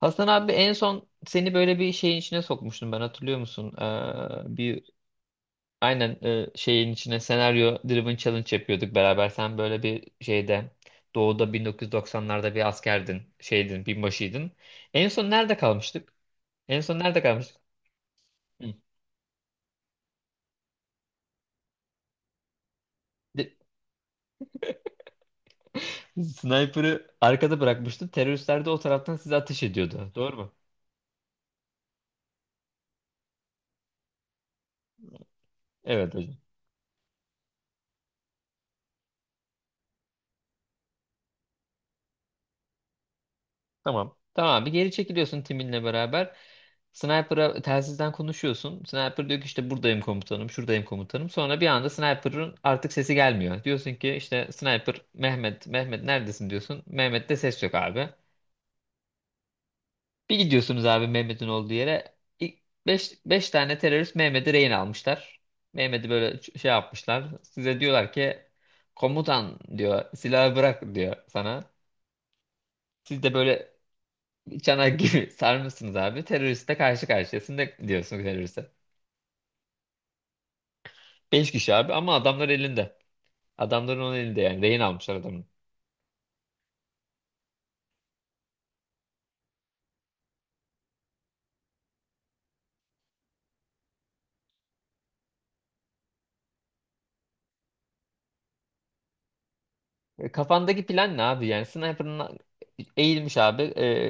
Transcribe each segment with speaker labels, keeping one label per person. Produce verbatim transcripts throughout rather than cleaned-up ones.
Speaker 1: Hasan abi en son seni böyle bir şeyin içine sokmuştum ben hatırlıyor musun? Ee, bir, aynen, e, şeyin içine senaryo driven challenge yapıyorduk beraber. Sen böyle bir şeyde doğuda bin dokuz yüz doksanlarda bir askerdin, şeydin, binbaşıydın. En son nerede kalmıştık? En son nerede kalmıştık? Hı. De- Sniper'ı arkada bırakmıştın. Teröristler de o taraftan size ateş ediyordu. Doğru mu? Evet. Tamam. Tamam, bir geri çekiliyorsun timinle beraber. Sniper'a telsizden konuşuyorsun. Sniper diyor ki işte buradayım komutanım, şuradayım komutanım. Sonra bir anda Sniper'ın artık sesi gelmiyor. Diyorsun ki işte Sniper Mehmet, Mehmet neredesin diyorsun. Mehmet'te ses yok abi. Bir gidiyorsunuz abi Mehmet'in olduğu yere. Beş beş tane terörist Mehmet'i rehin almışlar. Mehmet'i böyle ç- şey yapmışlar. Size diyorlar ki komutan diyor silahı bırak diyor sana. Siz de böyle çanak gibi sarmışsınız abi. Teröriste karşı karşıyasın da diyorsun teröriste. Beş kişi abi ama adamlar elinde. Adamların onun elinde yani. Rehin almışlar adamın. E, Kafandaki plan ne abi? Yani sniper'ın eğilmiş abi.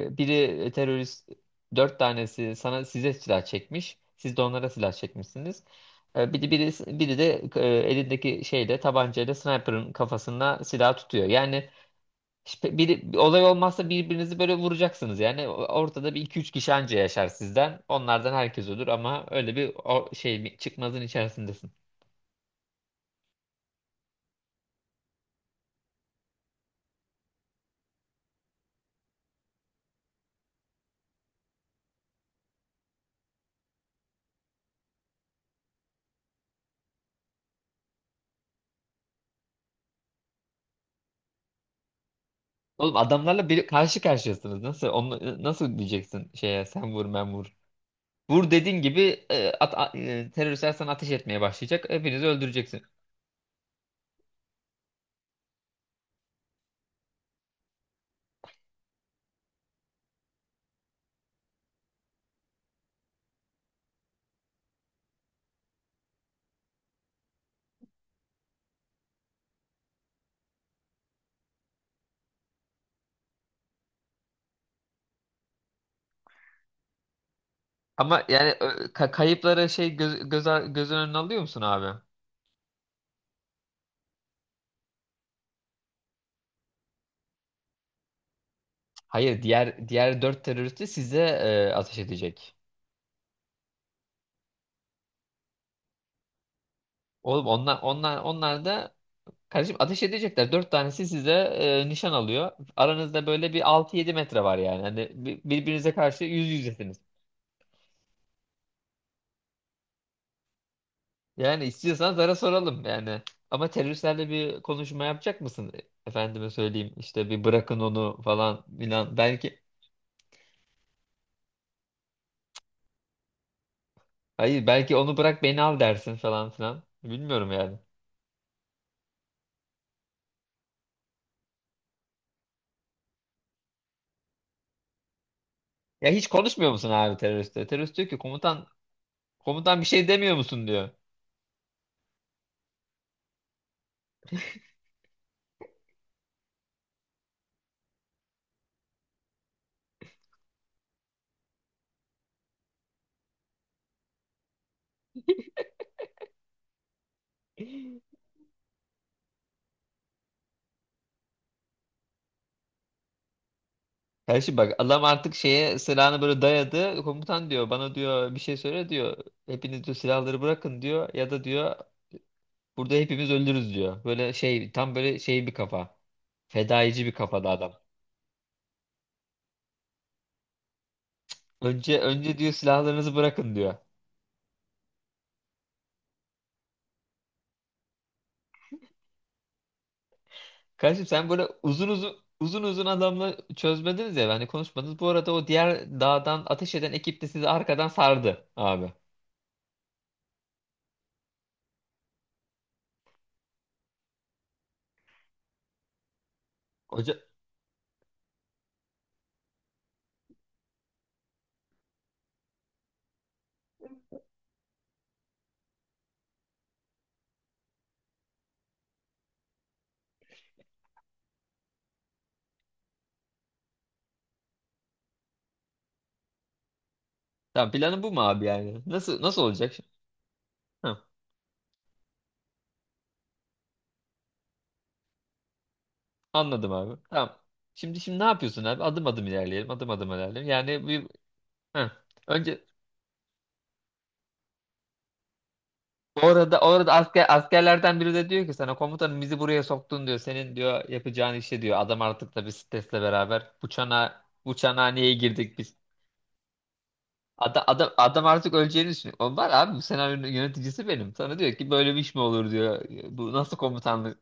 Speaker 1: E, biri terörist, dört tanesi sana size silah çekmiş. Siz de onlara silah çekmişsiniz. E, biri, biri, biri de e, elindeki şeyle tabancayla sniper'ın kafasına silah tutuyor. Yani İşte biri, bir olay olmazsa birbirinizi böyle vuracaksınız yani. Ortada bir iki üç kişi anca yaşar sizden. Onlardan herkes olur ama öyle bir o şey bir çıkmazın içerisindesin. Oğlum adamlarla bir karşı karşıyasınız. Nasıl onu nasıl diyeceksin şeye sen vur ben vur. Vur dediğin gibi e, at, a- e, teröristler sana ateş etmeye başlayacak. Hepinizi öldüreceksin. Ama yani ö, ka- kayıpları şey göz, göz, göz önüne alıyor musun abi? Hayır diğer diğer dört terörist de size e, ateş edecek. Oğlum, onlar onlar onlar da. Kardeşim, ateş edecekler. Dört tanesi size e, nişan alıyor. Aranızda böyle bir altı yedi metre var yani. Hani bir- birbirinize karşı yüz yüzesiniz. Yani istiyorsan zara soralım yani. Ama teröristlerle bir konuşma yapacak mısın? Efendime söyleyeyim işte bir bırakın onu falan filan. Belki hayır belki onu bırak beni al dersin falan filan. Bilmiyorum yani. Ya hiç konuşmuyor musun abi teröriste? Terörist diyor ki komutan, komutan bir şey demiyor musun diyor. Kardeşim bak adam artık şeye silahını böyle dayadı. Komutan diyor bana diyor bir şey söyle diyor. Hepiniz diyor silahları bırakın diyor. Ya da diyor burada hepimiz ölürüz diyor. Böyle şey tam böyle şey bir kafa. Fedaici bir kafada adam. Önce önce diyor silahlarınızı bırakın diyor. Kardeşim sen böyle uzun uzun uzun uzun adamla çözmediniz ya hani konuşmadınız. Bu arada o diğer dağdan ateş eden ekip de sizi arkadan sardı abi. Hoca, tamam planı bu mu abi yani? Nasıl nasıl olacak şimdi? Anladım abi. Tamam. Şimdi şimdi ne yapıyorsun abi? Adım adım ilerleyelim. Adım adım ilerleyelim. Yani bir, heh. Önce orada orada asker askerlerden biri de diyor ki sana komutanım bizi buraya soktun diyor. Senin diyor yapacağın işe diyor. Adam artık tabii stresle beraber bu çana bu çanhaneye girdik biz. Adam, adam, adam artık öleceğini düşünüyor. O var abi bu senaryonun yöneticisi benim. Sana diyor ki böyle bir iş mi olur diyor. Bu nasıl komutanlık?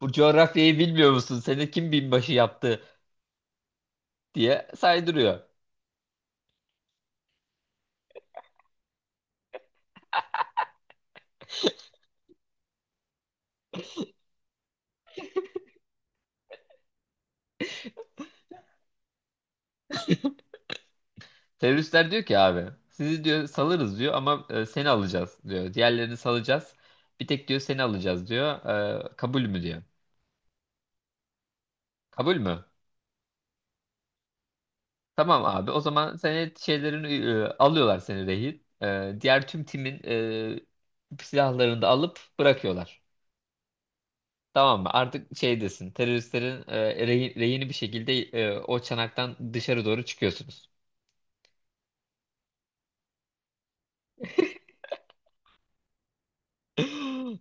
Speaker 1: Bu coğrafyayı bilmiyor musun? Seni kim binbaşı yaptı diye saydırıyor. Teröristler diyor ki abi sizi diyor salırız diyor ama e, seni alacağız diyor. Diğerlerini salacağız. Bir tek diyor seni alacağız diyor. E, kabul mü diyor. Kabul mü? Tamam abi o zaman seni şeylerini e, alıyorlar seni rehin. E, diğer tüm timin e, silahlarını da alıp bırakıyorlar. Tamam mı? Artık şeydesin. Teröristlerin e, rehin, rehini bir şekilde e, o çanaktan dışarı doğru çıkıyorsunuz.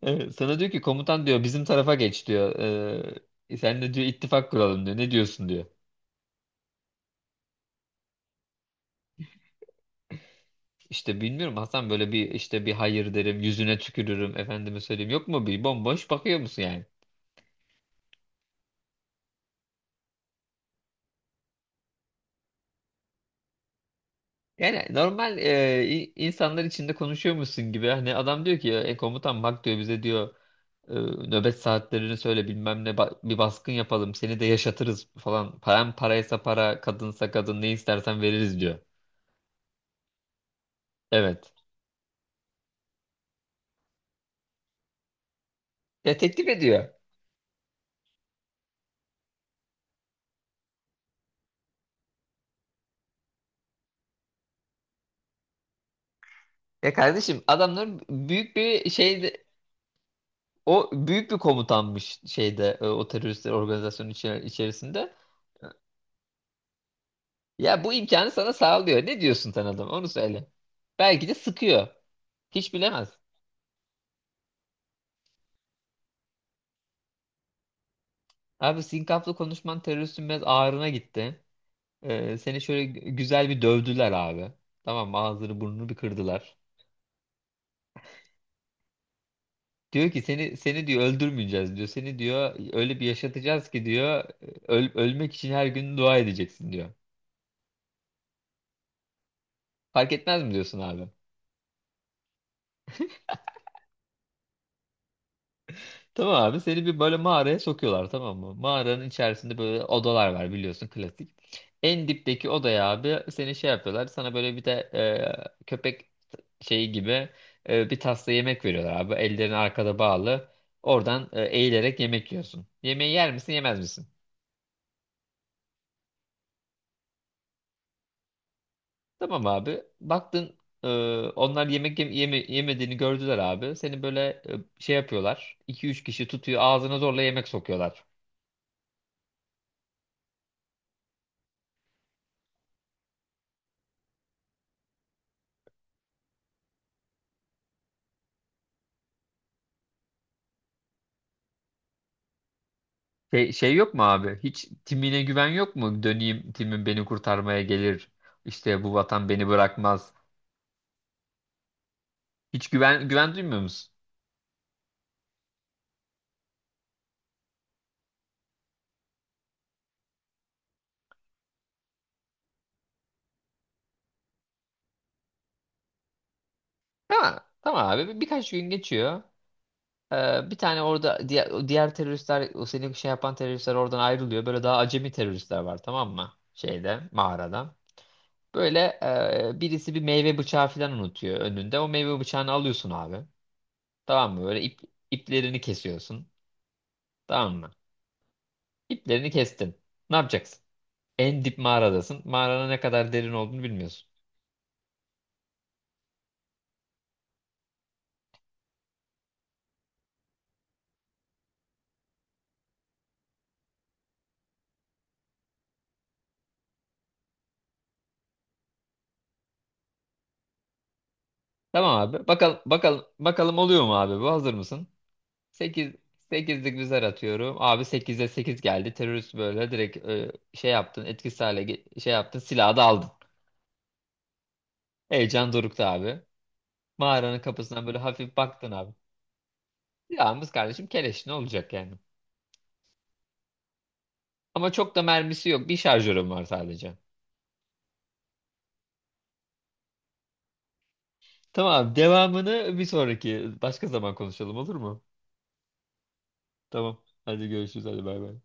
Speaker 1: Evet, sana diyor ki komutan diyor bizim tarafa geç diyor. Ee, sen de diyor ittifak kuralım diyor. Ne diyorsun diyor. İşte bilmiyorum Hasan böyle bir işte bir hayır derim yüzüne tükürürüm efendime söyleyeyim yok mu bir bomboş bakıyor musun yani? Yani normal e, i- insanlar içinde konuşuyor musun gibi hani adam diyor ki e, komutan bak diyor bize diyor e, nöbet saatlerini söyle bilmem ne ba- bir baskın yapalım seni de yaşatırız falan param paraysa para kadınsa kadın ne istersen veririz diyor. Evet. Ya teklif ediyor. Ya kardeşim adamların büyük bir şeyde o büyük bir komutanmış şeyde e, o teröristler organizasyonun içe- içerisinde. Ya bu imkanı sana sağlıyor. Ne diyorsun sen adam? Onu söyle. Belki de sıkıyor. Hiç bilemez. Abi sinkaflı konuşman teröristin biraz ağrına gitti. Ee, seni şöyle gü- güzel bir dövdüler abi. Tamam mı? Ağzını burnunu bir kırdılar. Diyor ki seni seni diyor öldürmeyeceğiz diyor. Seni diyor öyle bir yaşatacağız ki diyor öl- ölmek için her gün dua edeceksin diyor. Fark etmez mi diyorsun abi? Tamam abi seni bir böyle mağaraya sokuyorlar tamam mı? Mağaranın içerisinde böyle odalar var biliyorsun klasik. En dipteki odaya abi seni şey yapıyorlar sana böyle bir de e, köpek şeyi gibi e, bir tasla yemek veriyorlar abi. Ellerini arkada bağlı oradan e, eğilerek yemek yiyorsun. Yemeği yer misin yemez misin? Tamam abi baktın e, onlar yemek yem- yeme- yemediğini gördüler abi. Seni böyle e, şey yapıyorlar iki üç kişi tutuyor ağzına zorla yemek sokuyorlar. Şey, şey yok mu abi? Hiç timine güven yok mu? Döneyim timim beni kurtarmaya gelir. İşte bu vatan beni bırakmaz. Hiç güven güven duymuyor musun? Tamam. Tamam abi. Birkaç gün geçiyor. Ee, bir tane orada diğer, o diğer teröristler o senin şey yapan teröristler oradan ayrılıyor. Böyle daha acemi teröristler var tamam mı? Şeyde mağarada. Böyle e, birisi bir meyve bıçağı falan unutuyor önünde. O meyve bıçağını alıyorsun abi. Tamam mı? Böyle ip, iplerini kesiyorsun. Tamam mı? İplerini kestin. Ne yapacaksın? En dip mağaradasın. Mağaranın ne kadar derin olduğunu bilmiyorsun. Tamam abi. Bakalım bakalım bakalım oluyor mu abi bu? Hazır mısın? sekiz, sekizlik bir zar atıyorum. Abi sekize sekiz geldi. Terörist böyle direkt e, şey yaptın. Etkisiz hale ge- şey yaptın. Silahı da aldın. Heyecan dorukta abi. Mağaranın kapısından böyle hafif baktın abi. Silahımız kardeşim keleş ne olacak yani? Ama çok da mermisi yok. Bir şarjörüm var sadece. Tamam devamını bir sonraki başka zaman konuşalım olur mu? Tamam. Hadi görüşürüz. Hadi bay bay.